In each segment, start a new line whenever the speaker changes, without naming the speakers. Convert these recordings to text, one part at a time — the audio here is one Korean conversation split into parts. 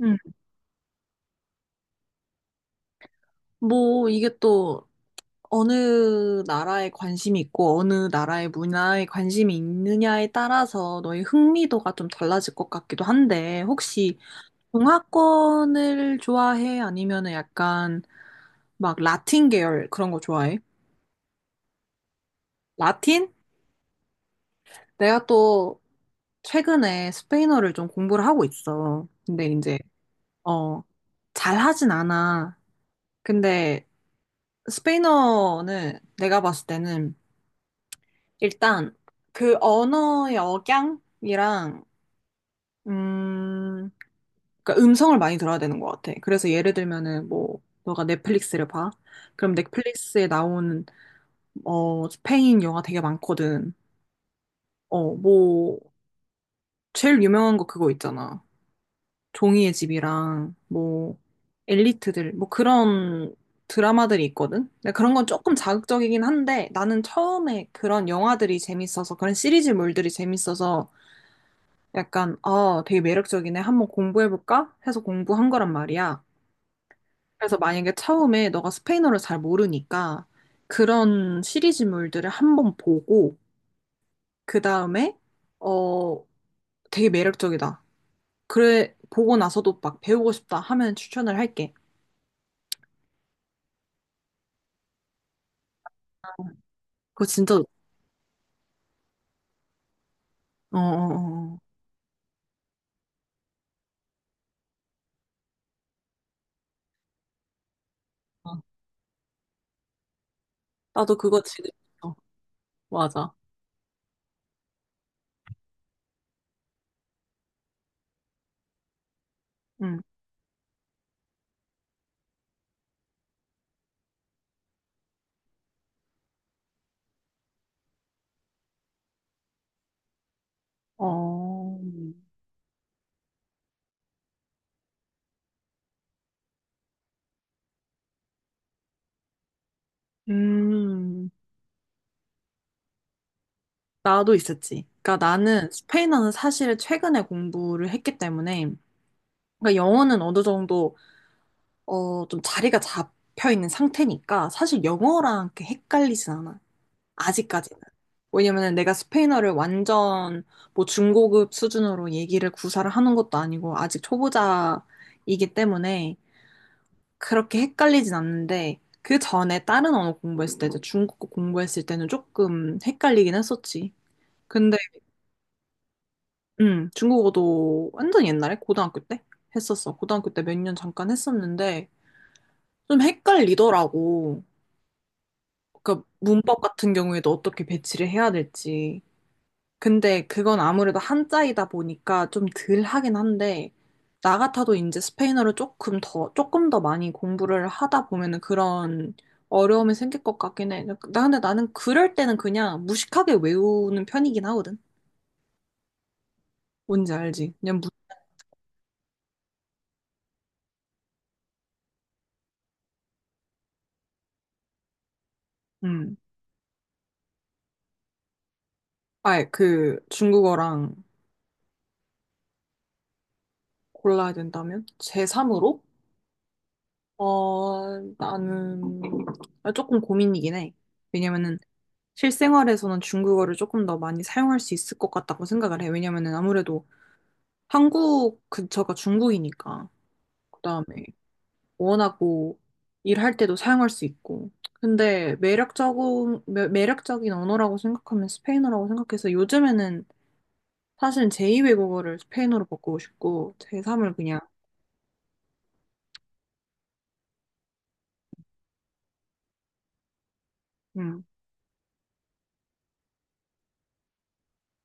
음. 뭐, 이게 또 어느 나라에 관심이 있고, 어느 나라의 문화에 관심이 있느냐에 따라서 너의 흥미도가 좀 달라질 것 같기도 한데, 혹시 동화권을 좋아해? 아니면은 약간 막 라틴 계열 그런 거 좋아해? 라틴? 내가 또 최근에 스페인어를 좀 공부를 하고 있어. 근데 이제, 어, 잘하진 않아. 근데 스페인어는 내가 봤을 때는 일단 그 언어 역양이랑 음, 그러니까 음성을 많이 들어야 되는 것 같아. 그래서 예를 들면은 뭐 너가 넷플릭스를 봐. 그럼 넷플릭스에 나오는 스페인 영화 되게 많거든. 뭐 제일 유명한 거 그거 있잖아. 종이의 집이랑 뭐 엘리트들 뭐 그런 드라마들이 있거든. 근데 그런 건 조금 자극적이긴 한데 나는 처음에 그런 영화들이 재밌어서 그런 시리즈물들이 재밌어서 약간, 아, 되게 매력적이네. 한번 공부해볼까? 해서 공부한 거란 말이야. 그래서 만약에 처음에 너가 스페인어를 잘 모르니까 그런 시리즈물들을 한번 보고, 그 다음에, 어, 되게 매력적이다. 그래, 보고 나서도 막 배우고 싶다 하면 추천을 할게. 그거 진짜, 어, 어, 어. 어. 어. 나도 그거 지금 어 맞아. 응. 어, 음, 나도 있었지. 그러니까 나는 스페인어는 사실 최근에 공부를 했기 때문에 그러니까 영어는 어느 정도 좀 자리가 잡혀 있는 상태니까 사실 영어랑 이렇게 헷갈리진 않아. 아직까지는. 왜냐면은 내가 스페인어를 완전 뭐 중고급 수준으로 얘기를 구사를 하는 것도 아니고 아직 초보자이기 때문에 그렇게 헷갈리진 않는데 그 전에 다른 언어 공부했을 때 이제 중국어 공부했을 때는 조금 헷갈리긴 했었지. 근데 중국어도 완전 옛날에 고등학교 때 했었어. 고등학교 때 몇 년 잠깐 했었는데 좀 헷갈리더라고. 그러니까 문법 같은 경우에도 어떻게 배치를 해야 될지. 근데 그건 아무래도 한자이다 보니까 좀 덜 하긴 한데, 나 같아도 이제 스페인어를 조금 더, 조금 더 많이 공부를 하다 보면은 그런 어려움이 생길 것 같긴 해. 나 근데 나는 그럴 때는 그냥 무식하게 외우는 편이긴 하거든. 뭔지 알지? 그냥 음. 아예 그 중국어랑, 골라야 된다면? 제3으로? 나는 아, 조금 고민이긴 해. 왜냐면은 실생활에서는 중국어를 조금 더 많이 사용할 수 있을 것 같다고 생각을 해. 왜냐면은 아무래도 한국 근처가 중국이니까. 그다음에 원하고 일할 때도 사용할 수 있고. 근데 매력적인 매력적인 언어라고 생각하면 스페인어라고 생각해서 요즘에는 사실 제2외국어를 스페인어로 바꾸고 싶고 제3을 그냥 음,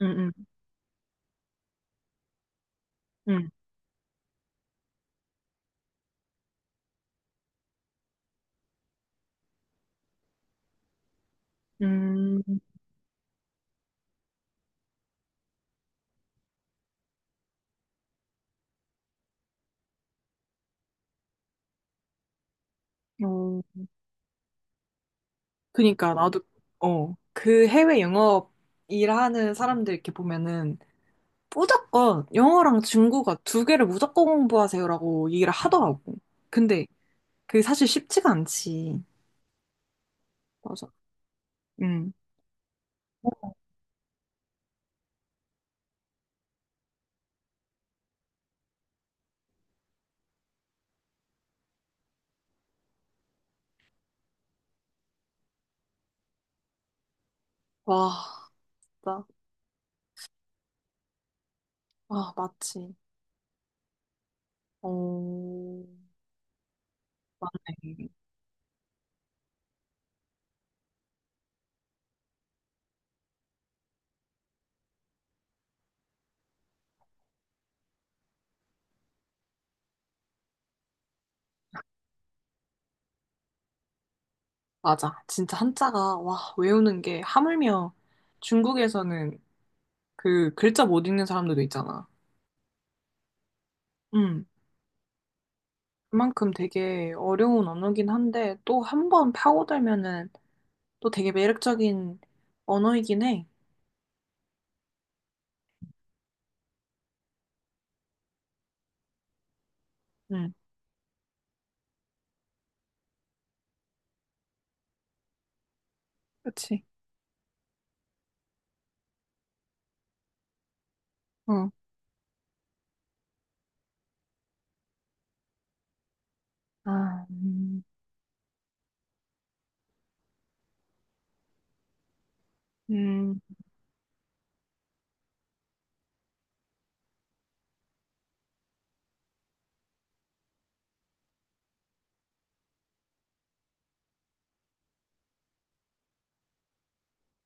음, 음, 음, 음, 음, 음, 음. 그니까 나도 그 해외 영업 일하는 사람들 이렇게 보면은 무조건 영어랑 중국어 두 개를 무조건 공부하세요라고 얘기를 하더라고. 근데 그게 사실 쉽지가 않지. 맞아. 응. 와. 나, 아, 맞지. 어, 네. 맞아. 진짜 한자가, 와, 외우는 게, 하물며 중국에서는 그 글자 못 읽는 사람들도 있잖아. 음. 그만큼 되게 어려운 언어긴 한데, 또 한 번 파고들면은 또 되게 매력적인 언어이긴 해. 응, 그치? 어. 아, 음,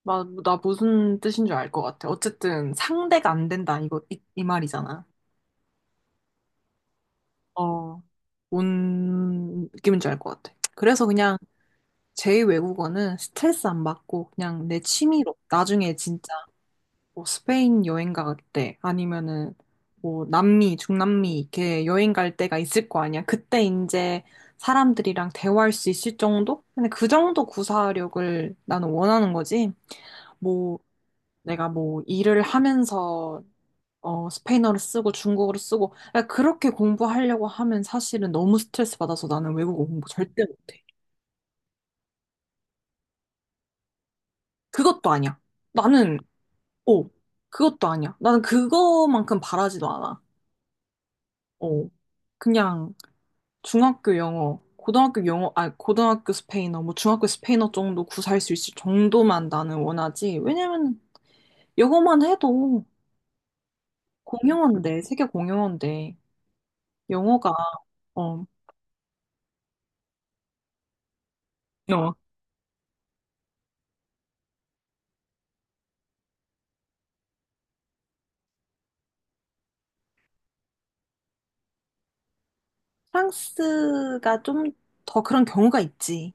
나 무슨 뜻인 줄 알 것 같아. 어쨌든 상대가 안 된다 이거 이 말이잖아. 어, 뭔 느낌인지 알 것 같아. 그래서 그냥 제 외국어는 스트레스 안 받고 그냥 내 취미로 나중에 진짜 뭐 스페인 여행 갈 때, 아니면은 뭐 남미, 중남미 이렇게 여행 갈 때가 있을 거 아니야. 그때 이제 사람들이랑 대화할 수 있을 정도? 근데 그 정도 구사력을 나는 원하는 거지. 뭐 내가 뭐 일을 하면서 스페인어를 쓰고 중국어를 쓰고 그러니까 그렇게 공부하려고 하면 사실은 너무 스트레스 받아서 나는 외국어 공부 절대 못해. 그것도 아니야. 나는 어 그것도 아니야. 나는 그거만큼 바라지도 않아. 어. 그냥 중학교 영어, 고등학교 영어, 아, 고등학교 스페인어, 뭐 중학교 스페인어 정도 구사할 수 있을 정도만 나는 원하지. 왜냐면 영어만 해도 공용어인데, 세계 공용어인데, 영어가, 어, 어. 프랑스가 좀 더 그런 경우가 있지.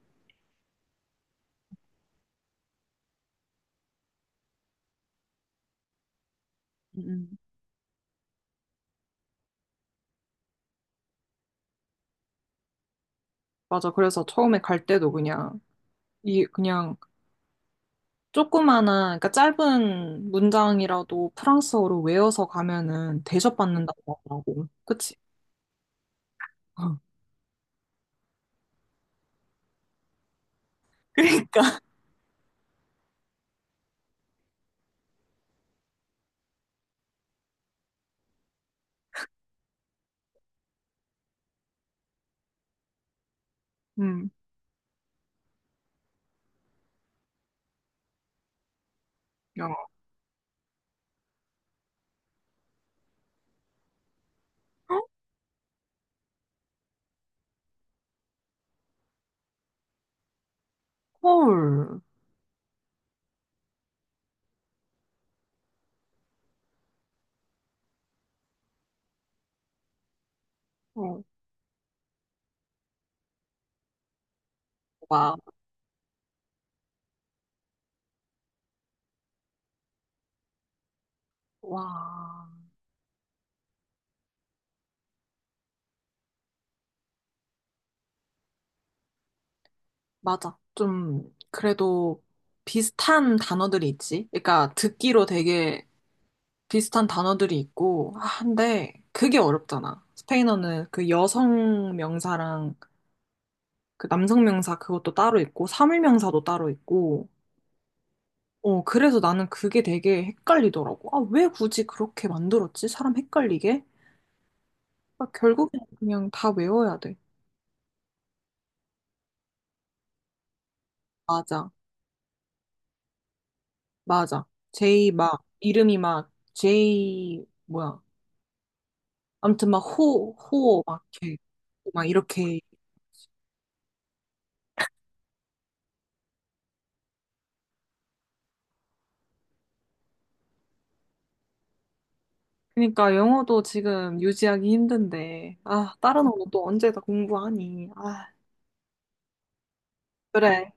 음, 맞아. 그래서 처음에 갈 때도 그냥, 조그마한, 그러니까 짧은 문장이라도 프랑스어로 외워서 가면은 대접받는다고 하더라고. 그치? 어. 그러니까. 음. 야, 헐. 어, 와, 와, 맞아. 좀, 그래도 비슷한 단어들이 있지? 그러니까 듣기로 되게 비슷한 단어들이 있고, 아, 근데 그게 어렵잖아. 스페인어는 그 여성 명사랑 그 남성 명사 그것도 따로 있고, 사물 명사도 따로 있고, 그래서 나는 그게 되게 헷갈리더라고. 아, 왜 굳이 그렇게 만들었지? 사람 헷갈리게? 아, 결국엔 그냥 다 외워야 돼. 맞아. 맞아. 제이 막 이름이 막 제이 뭐야? 아무튼 막 호, 호, 막 이렇게 막 이렇게 그러니까 영어도 지금 유지하기 힘든데, 아, 다른 언어 또 언제 다 공부하니? 아, 그래,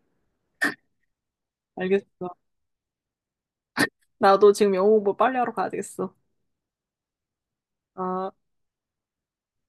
알겠어. 나도 지금 영어 공부 빨리 하러 가야 되겠어. 아.